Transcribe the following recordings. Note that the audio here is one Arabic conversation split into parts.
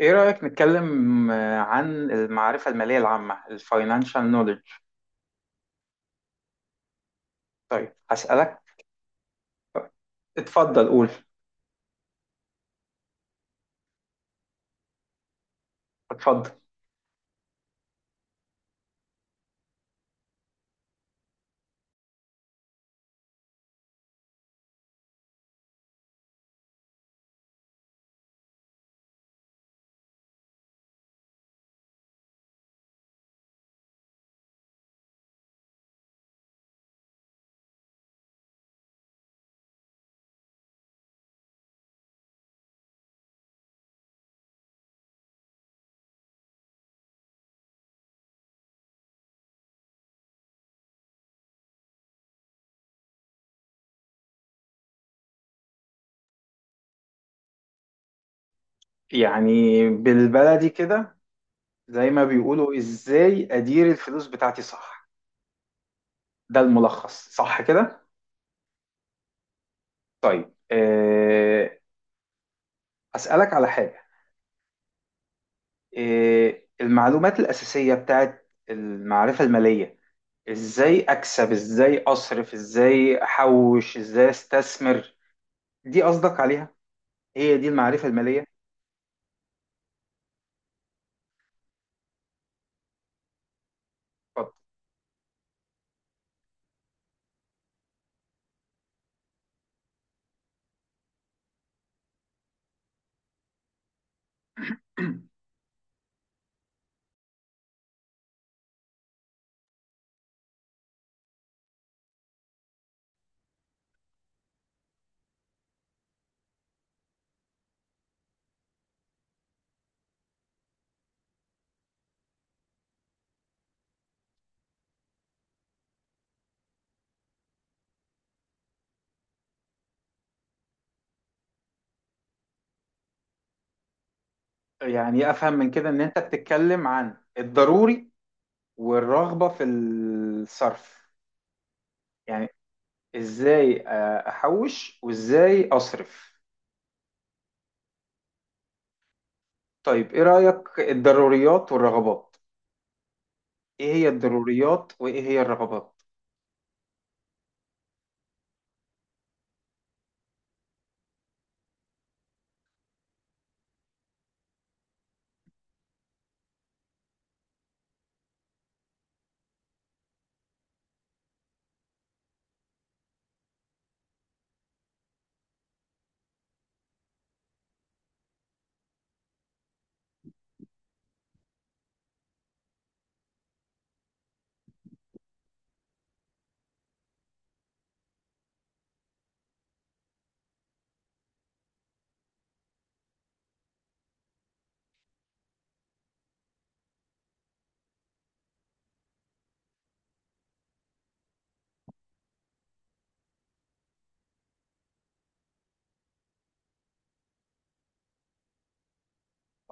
ايه رأيك نتكلم عن المعرفة المالية العامة الفاينانشال نوليدج؟ طيب هسألك. اتفضل قول اتفضل. يعني بالبلدي كده زي ما بيقولوا، ازاي ادير الفلوس بتاعتي صح؟ ده الملخص صح كده؟ طيب أه، هسألك على حاجة. أه، المعلومات الأساسية بتاعت المعرفة المالية، ازاي اكسب، ازاي اصرف، ازاي احوش، ازاي استثمر، دي قصدك عليها؟ هي دي المعرفة المالية؟ فقط. يعني أفهم من كده إن أنت بتتكلم عن الضروري والرغبة في الصرف، يعني إزاي أحوش وإزاي أصرف. طيب إيه رأيك، الضروريات والرغبات؟ إيه هي الضروريات وإيه هي الرغبات؟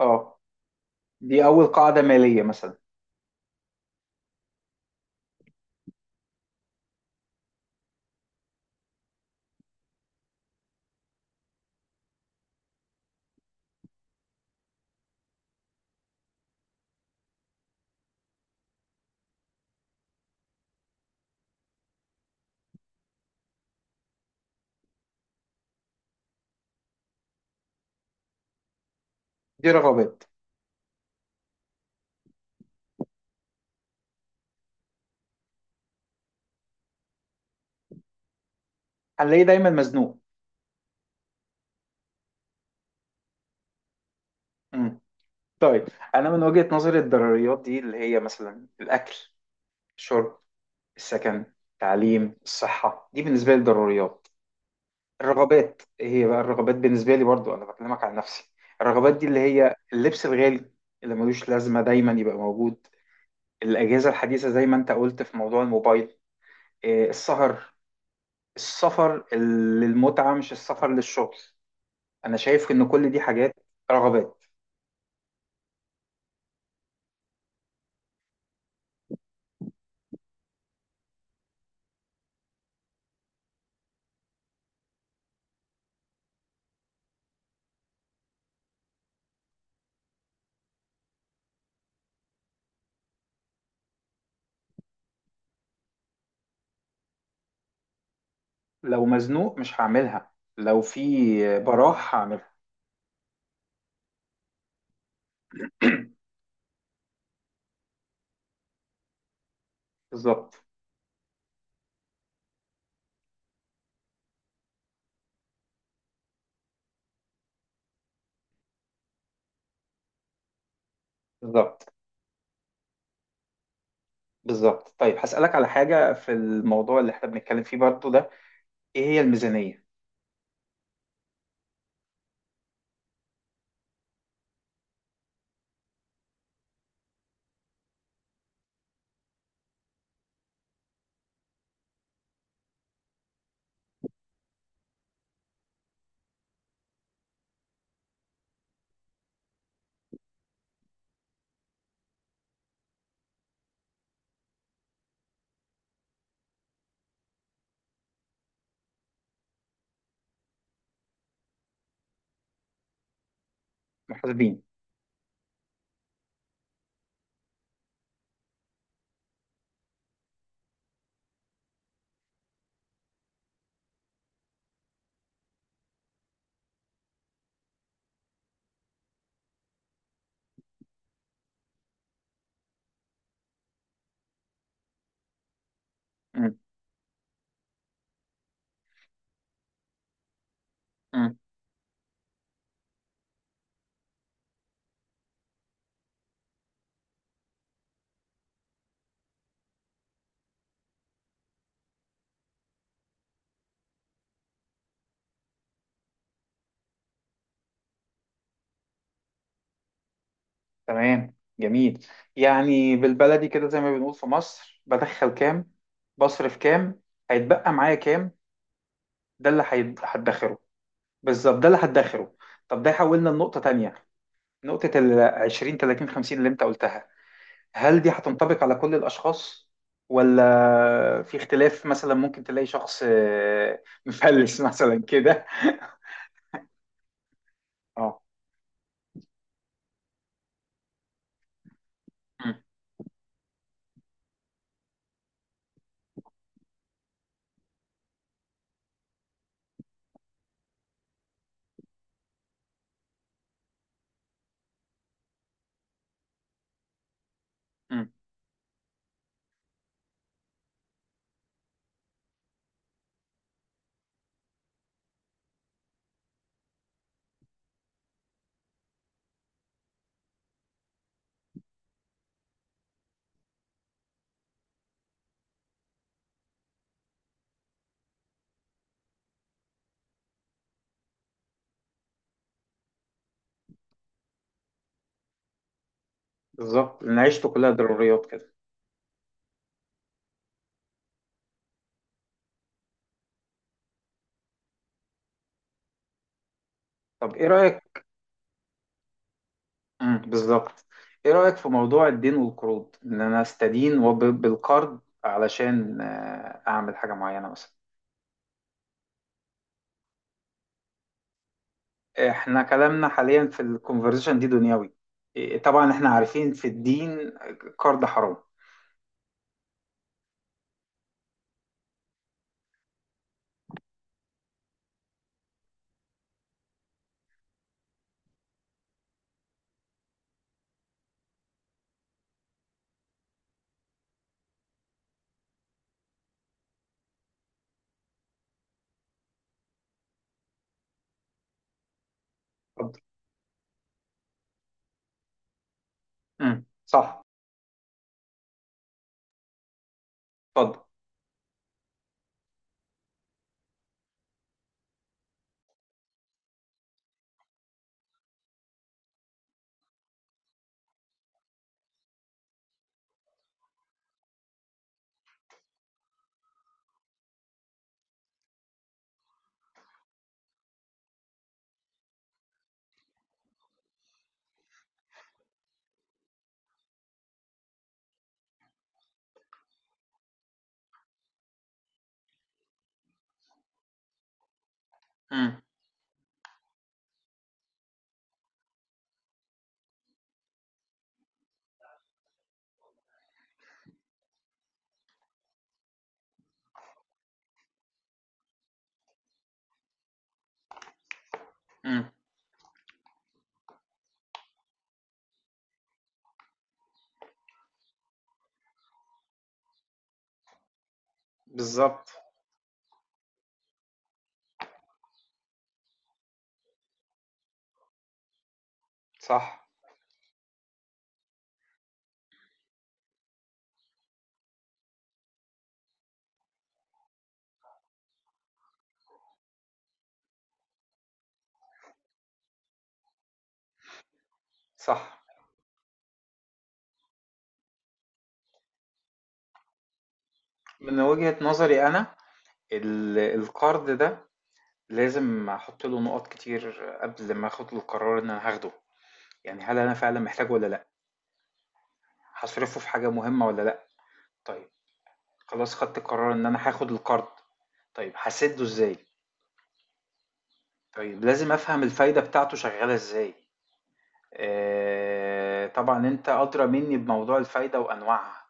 آه. دي أول قاعدة مالية مثلا؟ دي رغبات. هنلاقيه دايما مزنوق. مم. طيب، أنا من وجهة نظري الضروريات دي اللي هي مثلا الأكل، الشرب، السكن، التعليم، الصحة، دي بالنسبة لي ضروريات. الرغبات إيه هي بقى؟ الرغبات بالنسبة لي، برضو أنا بكلمك عن نفسي، الرغبات دي اللي هي اللبس الغالي اللي ملوش لازمة دايما يبقى موجود، الأجهزة الحديثة زي ما أنت قلت في موضوع الموبايل، إيه، السهر، السفر للمتعة مش السفر للشغل. أنا شايف إن كل دي حاجات رغبات. لو مزنوق مش هعملها، لو في براح هعملها. بالظبط. بالظبط. بالظبط. طيب هسألك على حاجة في الموضوع اللي احنا بنتكلم فيه برضو ده. ايه هي الميزانية؟ محاسبين. مم. مم. تمام، جميل. يعني بالبلدي كده زي ما بنقول في مصر، بدخل كام، بصرف كام، هيتبقى معايا كام، ده اللي هدخره. بالظبط، ده اللي هدخره. طب ده يحولنا لنقطة تانية، نقطة ال 20 30 50 اللي انت قلتها. هل دي هتنطبق على كل الأشخاص ولا في اختلاف؟ مثلا ممكن تلاقي شخص مفلس مثلا كده. اه. مم. مم. بالظبط، لأن عيشته كلها ضروريات كده. طب إيه رأيك؟ مم. بالظبط. إيه رأيك في موضوع الدين والقروض، إن أنا أستدين بالقرض علشان أعمل حاجة معينة مثلا؟ إحنا كلامنا حاليا في الكونفرزيشن دي دنيوي، إيه، طبعا إحنا عارفين في الدين قرض حرام. اتفضل. مم. صح. اتفضل. مم. مم. بالظبط. صح. صح. من وجهة نظري أنا، ال- القرض ده لازم احط له نقط كتير قبل ما اخد القرار ان انا هاخده. يعني هل انا فعلا محتاجه ولا لا؟ هصرفه في حاجة مهمة ولا لا؟ طيب، خلاص خدت قرار ان انا هاخد القرض، طيب هسده ازاي؟ طيب لازم افهم الفايدة بتاعته شغالة ازاي. آه طبعا انت ادرى مني بموضوع الفايدة وانواعها.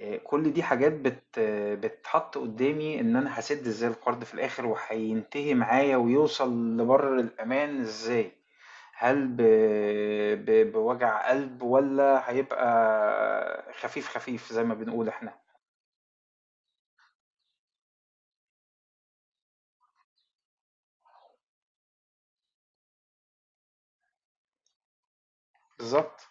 كل دي حاجات بت آه، بتحط قدامي ان انا هسد ازاي القرض في الاخر، وهينتهي معايا ويوصل لبر الامان ازاي. هل بوجع قلب ولا هيبقى خفيف خفيف زي ما بنقول احنا؟ بالظبط.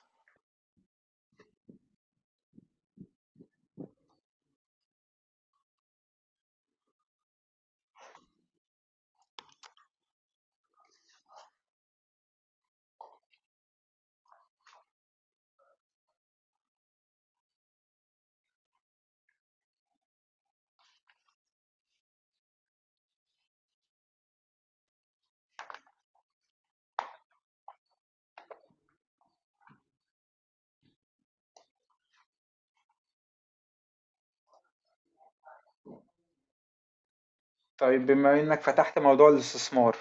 طيب بما انك فتحت موضوع الاستثمار،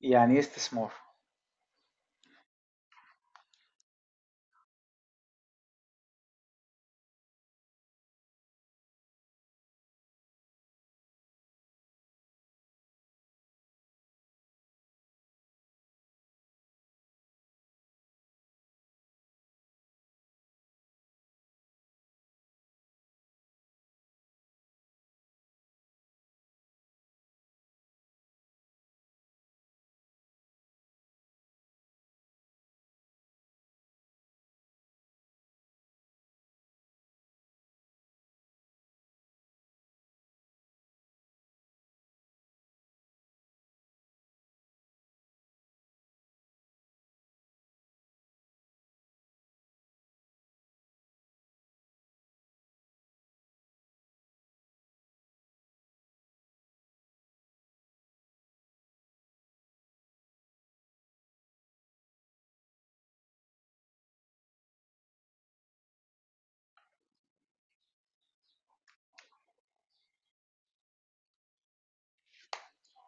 يعني ايه استثمار؟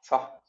صح.